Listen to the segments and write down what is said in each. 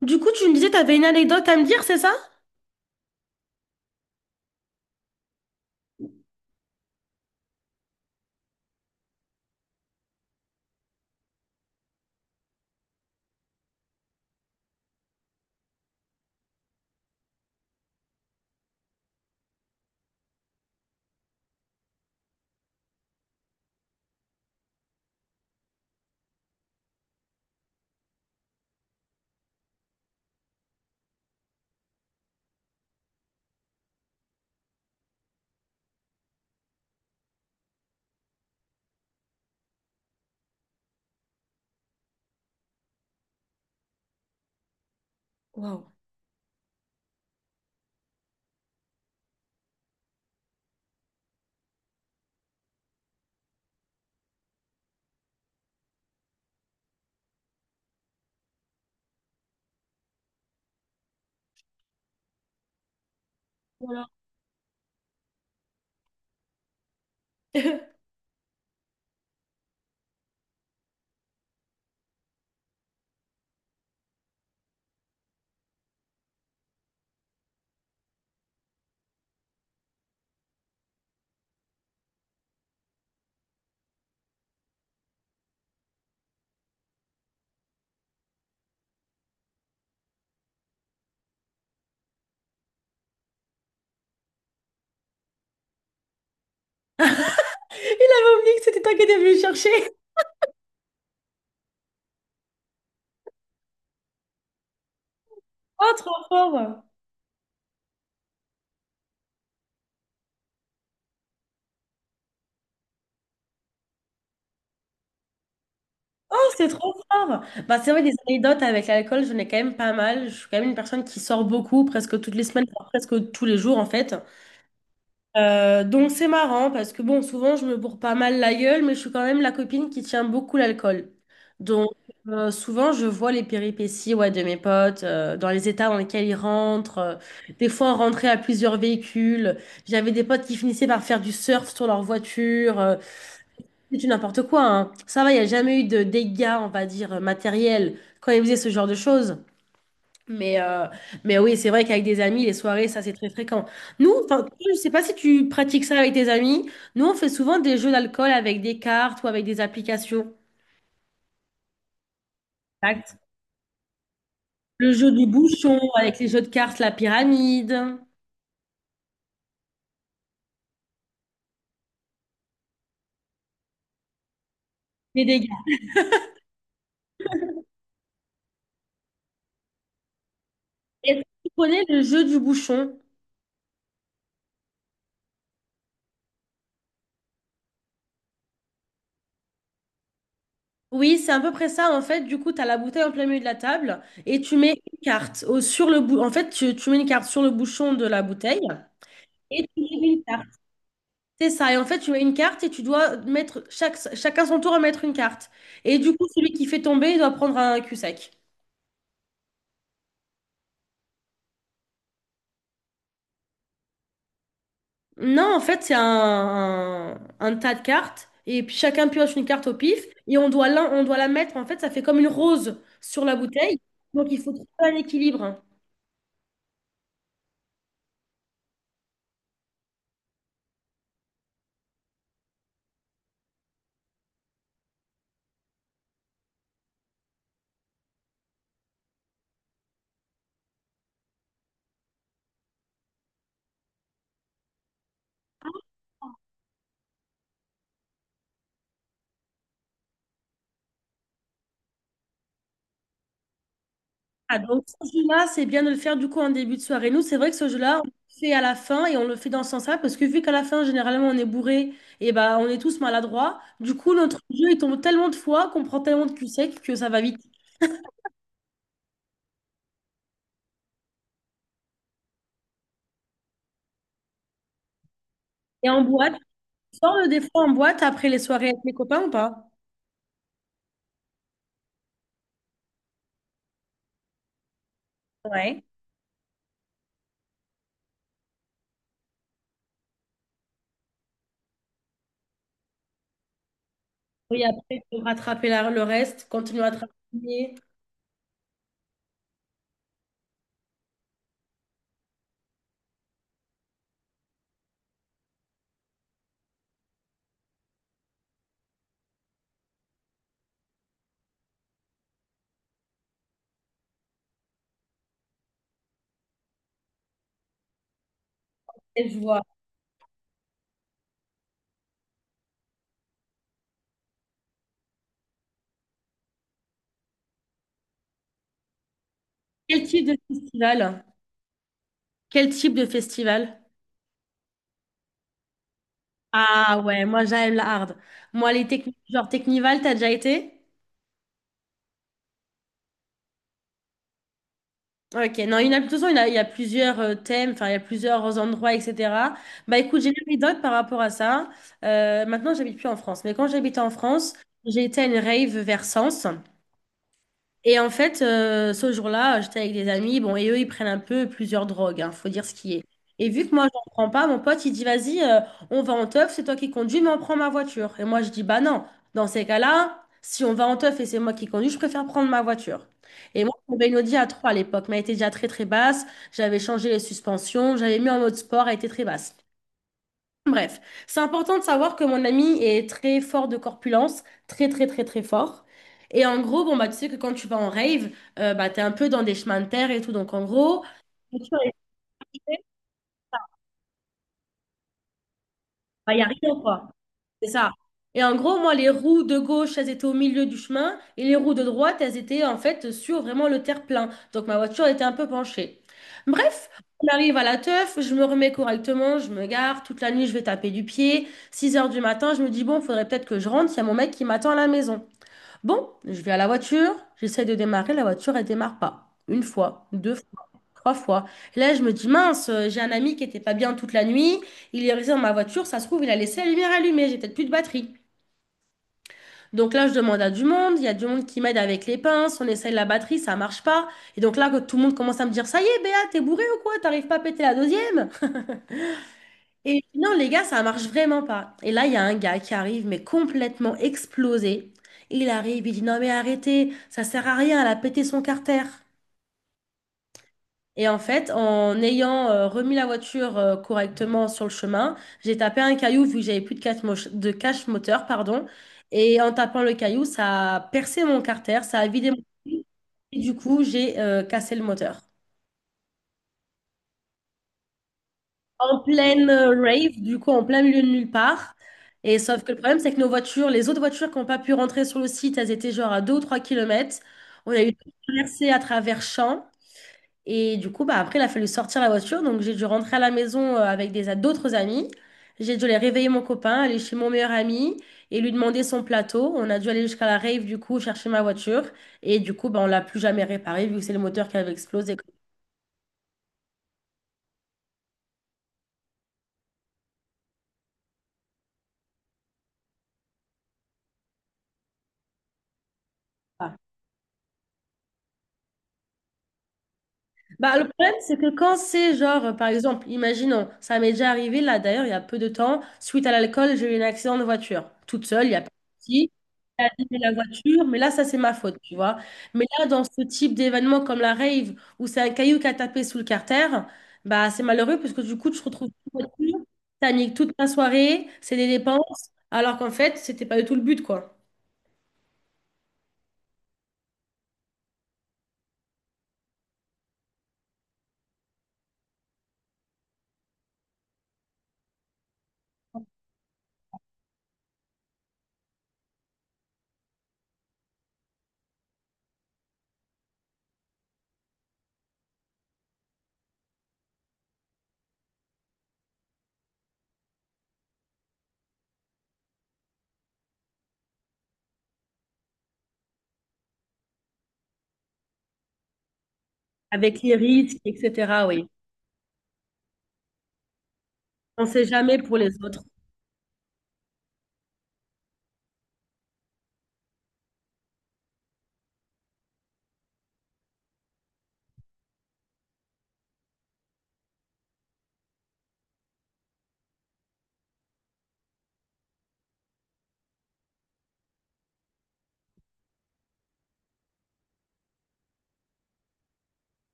Du coup, tu me disais, t'avais une anecdote à me dire, c'est ça? Waouh. Voilà. Il avait oublié que c'était toi qui étais venu le chercher. Oh, trop fort! C'est trop fort! Bah, c'est vrai, des anecdotes avec l'alcool, j'en ai quand même pas mal. Je suis quand même une personne qui sort beaucoup, presque toutes les semaines, voire presque tous les jours en fait. Donc c'est marrant parce que bon, souvent je me bourre pas mal la gueule, mais je suis quand même la copine qui tient beaucoup l'alcool. Donc souvent je vois les péripéties, ouais, de mes potes, dans les états dans lesquels ils rentrent. Des fois on rentrait à plusieurs véhicules. J'avais des potes qui finissaient par faire du surf sur leur voiture. C'est du n'importe quoi, hein. Ça va, il n'y a jamais eu de dégâts, on va dire, matériels quand ils faisaient ce genre de choses. Mais, euh, mais oui, c'est vrai qu'avec des amis, les soirées, ça, c'est très fréquent. Nous, enfin, je ne sais pas si tu pratiques ça avec tes amis. Nous, on fait souvent des jeux d'alcool avec des cartes ou avec des applications. Exact. Le jeu du bouchon, avec les jeux de cartes, la pyramide, les dégâts. Est-ce que tu connais le jeu du bouchon? Oui, c'est à peu près ça. En fait, du coup, tu as la bouteille en plein milieu de la table et tu mets une carte sur le En fait, tu mets une carte sur le bouchon de la bouteille et tu mets une carte. C'est ça. Et en fait, tu mets une carte et tu dois mettre chacun son tour à mettre une carte. Et du coup, celui qui fait tomber, il doit prendre un cul-sec. Non, en fait, c'est un tas de cartes et puis chacun pioche une carte au pif et on doit, on doit la mettre. En fait, ça fait comme une rose sur la bouteille. Donc, il faut trouver un équilibre. Ah, donc ce jeu-là, c'est bien de le faire du coup en début de soirée. Nous, c'est vrai que ce jeu-là, on le fait à la fin et on le fait dans ce sens-là parce que vu qu'à la fin, généralement, on est bourré et bah, on est tous maladroits, du coup, notre jeu, il tombe tellement de fois qu'on prend tellement de cul sec que ça va vite. Et en boîte, tu sors le des fois en boîte après les soirées avec les copains ou pas? Ouais. Oui, après, il faut rattraper le reste, continuer à travailler. Et je vois. Quel type de festival? Quel type de festival? Ah ouais, moi j'aime la hard. Moi, les techniques, genre Technival, t'as déjà été? Ok, non, il y en a, de toute façon, il y en a, il y a plusieurs thèmes, enfin, il y a plusieurs endroits, etc. Bah écoute, j'ai une anecdote par rapport à ça. Maintenant, j'habite plus en France, mais quand j'habitais en France, j'ai été à une rave vers Sens. Et en fait, ce jour-là, j'étais avec des amis, bon, et eux, ils prennent un peu plusieurs drogues, hein, faut dire ce qui est. Et vu que moi, j'en prends pas, mon pote, il dit, vas-y, on va en teuf, c'est toi qui conduis, mais on prend ma voiture. Et moi, je dis, bah non, dans ces cas-là, si on va en teuf et c'est moi qui conduis, je préfère prendre ma voiture. Et moi, mon une Audi A3 à l'époque, mais elle était déjà très, très basse. J'avais changé les suspensions, j'avais mis en mode sport, elle était très basse. Bref, c'est important de savoir que mon ami est très fort de corpulence, très très très très fort. Et en gros, bon bah tu sais que quand tu vas en rave, bah t'es un peu dans des chemins de terre et tout, donc en gros, il n'y a rien quoi. C'est ça. Et en gros, moi, les roues de gauche, elles étaient au milieu du chemin et les roues de droite, elles étaient en fait sur vraiment le terre-plein. Donc ma voiture était un peu penchée. Bref, on arrive à la teuf, je me remets correctement, je me gare, toute la nuit, je vais taper du pied. 6 heures du matin, je me dis, bon, faudrait peut-être que je rentre, il y a mon mec qui m'attend à la maison. Bon, je vais à la voiture, j'essaie de démarrer, la voiture, elle démarre pas. Une fois, deux trois fois. Et là, je me dis, mince, j'ai un ami qui était pas bien toute la nuit, il est resté dans ma voiture, ça se trouve, il a laissé la lumière allumée, j'ai peut-être plus de batterie. Donc là, je demande à du monde, il y a du monde qui m'aide avec les pinces, on essaye la batterie, ça marche pas. Et donc là, quand tout le monde commence à me dire, ça y est, Béa, t'es bourré ou quoi? T'arrives pas à péter la deuxième? Et je dis, non, les gars, ça marche vraiment pas. Et là, il y a un gars qui arrive, mais complètement explosé. Il arrive, il dit, non, mais arrêtez, ça sert à rien, elle a pété son carter. Et en fait, en ayant remis la voiture correctement sur le chemin, j'ai tapé un caillou vu que j'avais plus de cache, de cache moteur, pardon. Et en tapant le caillou, ça a percé mon carter, ça a vidé mon caillou. Et du coup, j'ai cassé le moteur. En pleine rave, du coup, en plein milieu de nulle part. Et sauf que le problème, c'est que nos voitures, les autres voitures qui n'ont pas pu rentrer sur le site, elles étaient genre à 2 ou 3 kilomètres. On a eu traversé à travers champs. Et du coup, bah, après, il a fallu sortir la voiture. Donc, j'ai dû rentrer à la maison avec des d'autres amis. J'ai dû aller réveiller mon copain, aller chez mon meilleur ami et lui demander son plateau. On a dû aller jusqu'à la rave, du coup, chercher ma voiture. Et du coup, bah, on l'a plus jamais réparée vu que c'est le moteur qui avait explosé. Ah. Bah, le problème, c'est que quand c'est genre, par exemple, imaginons, ça m'est déjà arrivé là, d'ailleurs, il y a peu de temps, suite à l'alcool, j'ai eu un accident de voiture, toute seule, il y a pas de souci. À abîmer la voiture, mais là, ça, c'est ma faute, tu vois. Mais là, dans ce type d'événement comme la rave, où c'est un caillou qui a tapé sous le carter, bah, c'est malheureux parce que du coup, tu te retrouves toute la voiture, t'as niqué toute ta soirée, c'est des dépenses, alors qu'en fait, c'était pas du tout le but, quoi. Avec les risques, etc., oui. On sait jamais pour les autres.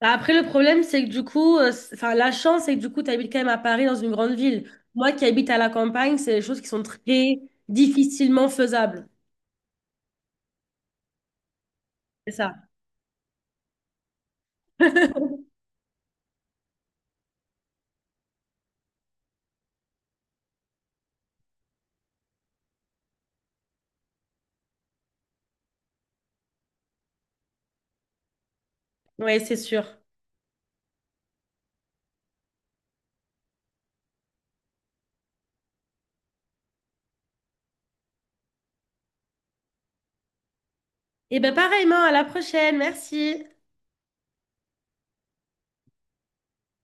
Bah, après, le problème, c'est que du coup, c'est- enfin, la chance, c'est que du coup, tu habites quand même à Paris, dans une grande ville. Moi qui habite à la campagne, c'est des choses qui sont très difficilement faisables. C'est ça. Oui, c'est sûr. Et bien pareillement, à la prochaine, merci.